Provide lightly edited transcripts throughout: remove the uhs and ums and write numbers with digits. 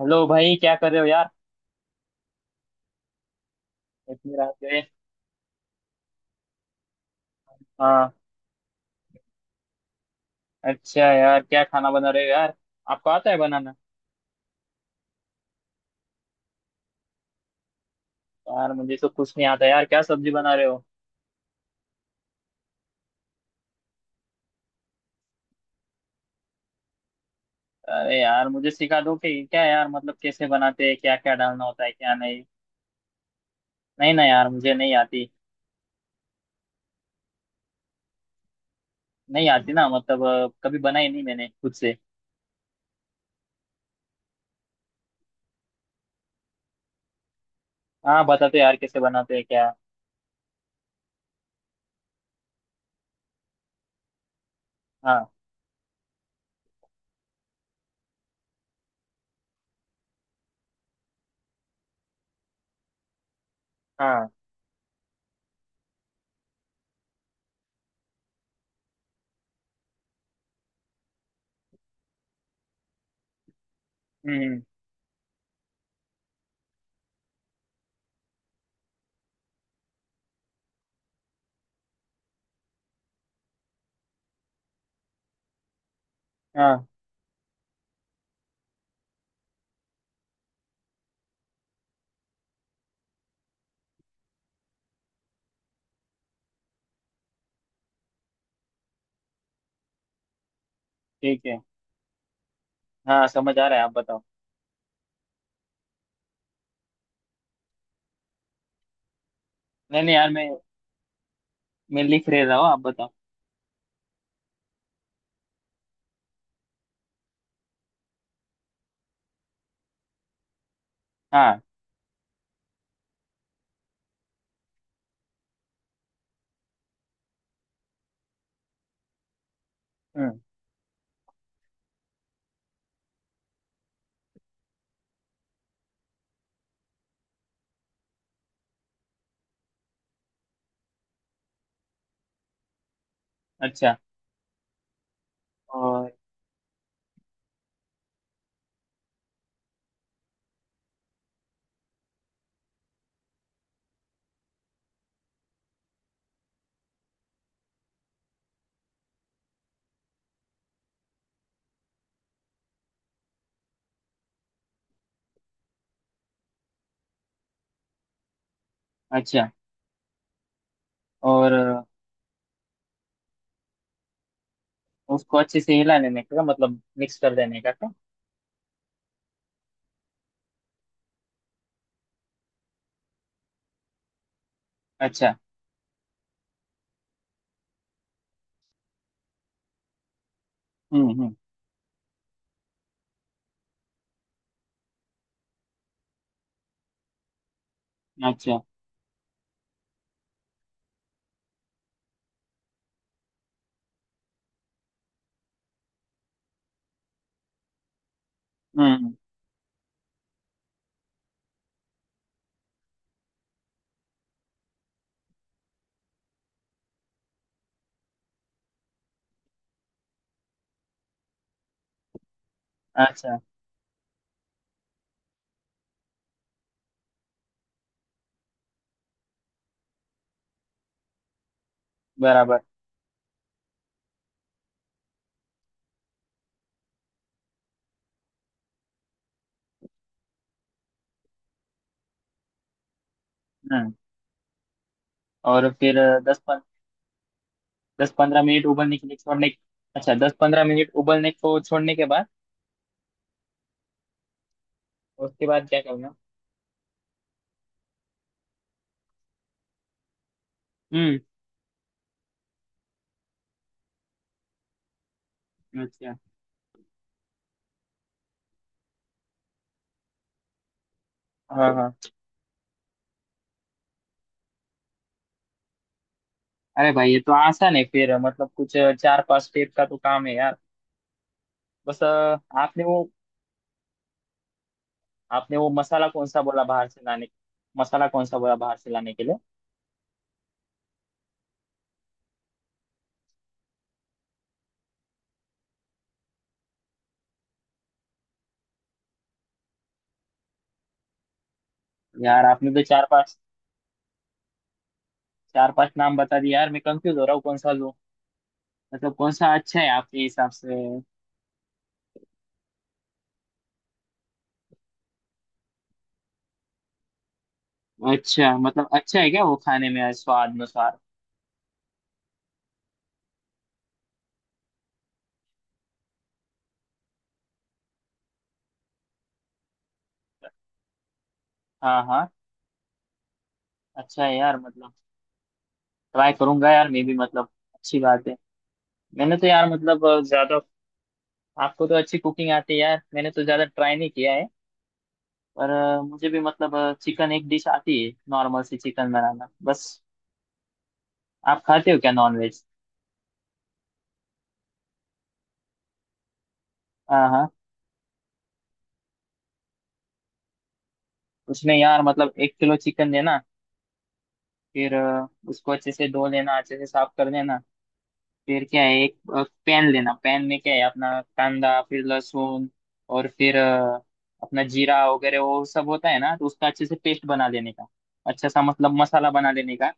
Hello भाई, क्या कर रहे हो यार? इतनी रात गए? हाँ। अच्छा यार, क्या खाना बना रहे हो यार? आपको आता है बनाना? यार मुझे तो कुछ नहीं आता यार। क्या सब्जी बना रहे हो? अरे यार मुझे सिखा दो कि क्या यार, मतलब कैसे बनाते हैं, क्या क्या डालना होता है क्या नहीं। नहीं ना यार, मुझे नहीं आती। नहीं आती ना। मतलब कभी बनाई नहीं मैंने खुद से। हाँ बता दो यार, कैसे बनाते हैं क्या? हाँ। हाँ। हम्म। हाँ। ठीक है। हाँ समझ आ रहा है, आप बताओ। नहीं नहीं यार, मैं लिख रह रहा हूँ, आप बताओ। हाँ। हम्म। अच्छा। और। अच्छा। और उसको अच्छे से हिला लेने का मतलब मिक्स कर देने का क्या? अच्छा। हम्म हम्म। अच्छा। हम्म। अच्छा। बराबर। हम्म। और फिर? दस पन,, 10-15 मिनट उबलने के लिए छोड़ने। अच्छा, 10-15 मिनट उबलने को छोड़ने के बाद उसके बाद क्या करना? हम्म। अच्छा। हाँ हाँ। अरे भाई, ये तो आसान है फिर। मतलब कुछ 4-5 स्टेप का तो काम है यार। बस आपने वो, आपने वो मसाला कौन सा बोला बाहर से लाने? मसाला कौन सा बोला बाहर से लाने के लिए? यार आपने तो 4-5, 4-5 नाम बता दिए यार, मैं कंफ्यूज हो रहा हूँ, कौन सा लूँ? मतलब कौन सा अच्छा है आपके हिसाब से? अच्छा, मतलब अच्छा है क्या वो, खाने में स्वाद अनुसार? हाँ हाँ। अच्छा है यार? मतलब ट्राई करूंगा यार मैं भी, मतलब अच्छी बात है। मैंने तो यार मतलब ज्यादा, आपको तो अच्छी कुकिंग आती है यार, मैंने तो ज्यादा ट्राई नहीं किया है। पर मुझे भी मतलब चिकन एक डिश आती है, नॉर्मल सी चिकन बनाना बस। आप खाते हो क्या नॉनवेज? हाँ हाँ। उसमें यार मतलब 1 किलो चिकन देना, फिर उसको अच्छे से धो लेना, अच्छे से साफ कर लेना। फिर क्या है, एक पैन लेना। पैन में क्या है, अपना कांदा, फिर लहसुन, और फिर अपना जीरा वगैरह वो सब होता है ना, तो उसका अच्छे से पेस्ट बना लेने का, अच्छा सा मतलब मसाला बना लेने का।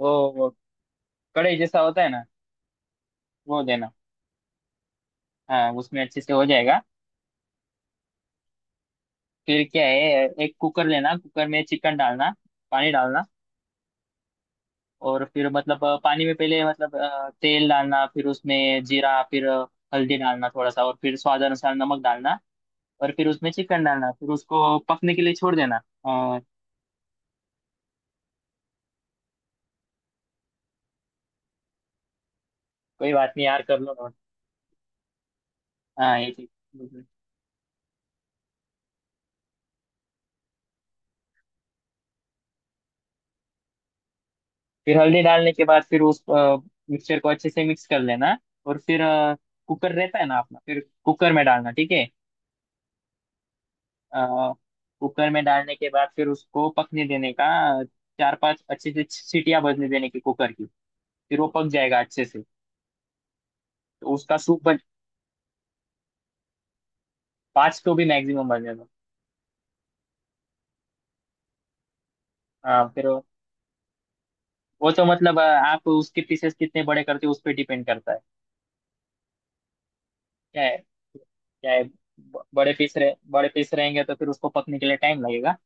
वो कढ़ाई जैसा होता है ना, वो देना। हाँ उसमें अच्छे से हो जाएगा। फिर क्या है, एक कुकर लेना, कुकर में चिकन डालना, पानी डालना। और फिर मतलब पानी में पहले मतलब तेल डालना, फिर उसमें जीरा, फिर हल्दी डालना थोड़ा सा, और फिर स्वाद अनुसार नमक डालना, और फिर उसमें चिकन डालना, फिर उसको पकने के लिए छोड़ देना। हाँ, कोई बात नहीं यार, कर लो नोट। हाँ ये चीज बिल्कुल। फिर हल्दी डालने के बाद फिर उस मिक्सचर को अच्छे से मिक्स कर लेना, और फिर कुकर रहता है ना अपना, फिर कुकर में डालना, ठीक है। अ, कुकर में डालने के बाद फिर उसको पकने देने का, अ, 4-5 अच्छे से सीटियां बजने देने की कुकर की, फिर वो पक जाएगा अच्छे से। तो उसका सूप बन, 5 तो भी मैक्सिमम बनेगा। हाँ फिर वो तो मतलब आप उसके पीसेस कितने बड़े करते हो उस पर डिपेंड करता है। क्या है, क्या है, बड़े पीस रहे, बड़े पीस रहेंगे तो फिर उसको पकने के लिए टाइम लगेगा,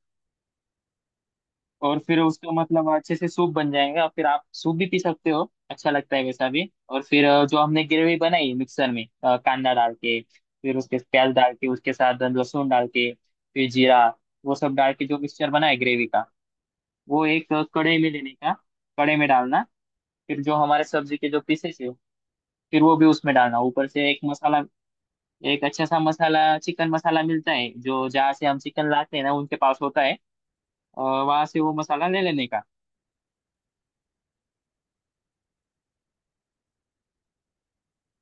और फिर उसका मतलब अच्छे से सूप बन जाएगा, फिर आप सूप भी पी सकते हो, अच्छा लगता है वैसा भी। और फिर जो हमने ग्रेवी बनाई मिक्सर में, कांदा डाल के, फिर उसके प्याज डाल के, उसके साथ लहसुन डाल के, फिर जीरा, वो सब डाल के जो मिक्सचर बना है ग्रेवी का, वो एक कढ़ाई में लेने का, कढ़ाई में डालना, फिर जो हमारे सब्जी के जो पीसेस है, फिर वो भी उसमें डालना, ऊपर से एक मसाला। एक अच्छा सा मसाला चिकन मसाला मिलता है जो, जहाँ से हम चिकन लाते हैं ना उनके पास होता है, और वहां से वो मसाला ले लेने का।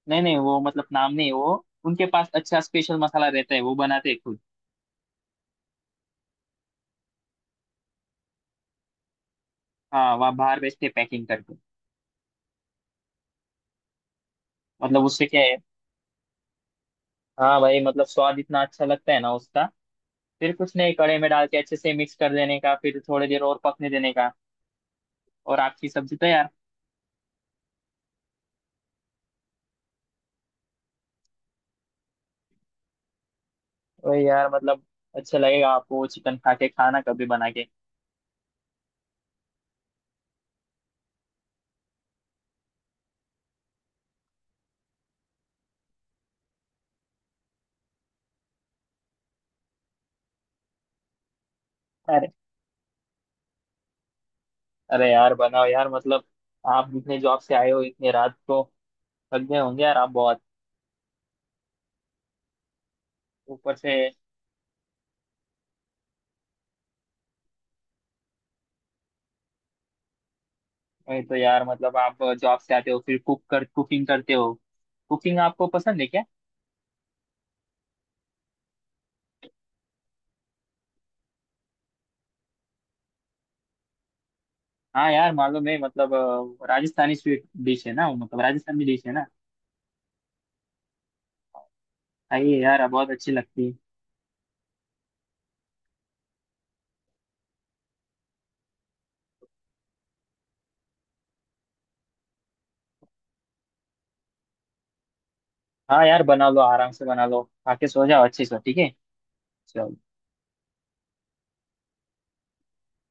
नहीं नहीं, वो मतलब नाम नहीं, वो उनके पास अच्छा स्पेशल मसाला रहता है, वो बनाते हैं खुद। हाँ वहाँ बाहर बेचते पैकिंग करके। मतलब उससे क्या है, हाँ भाई मतलब स्वाद इतना अच्छा लगता है ना उसका। फिर कुछ नहीं, कड़े में डाल के अच्छे से मिक्स कर देने का, फिर थोड़ी देर और पकने देने का, और आपकी सब्जी तैयार। वही यार मतलब अच्छा लगेगा आपको चिकन खा के, खाना कभी बना के। अरे यार बनाओ यार मतलब, आप जितने जॉब से आए हो इतने रात को, थक गए होंगे यार आप बहुत, ऊपर से। वही तो यार मतलब, आप जॉब से आते हो फिर कुक कर, कुकिंग करते हो। कुकिंग आपको पसंद है क्या? हाँ यार मालूम है, मतलब राजस्थानी स्वीट डिश है ना वो, मतलब राजस्थानी डिश है ना। खाइए यार, बहुत अच्छी लगती है। हाँ यार बना लो आराम से, बना लो, आके सो जाओ अच्छे से, ठीक है। चलो।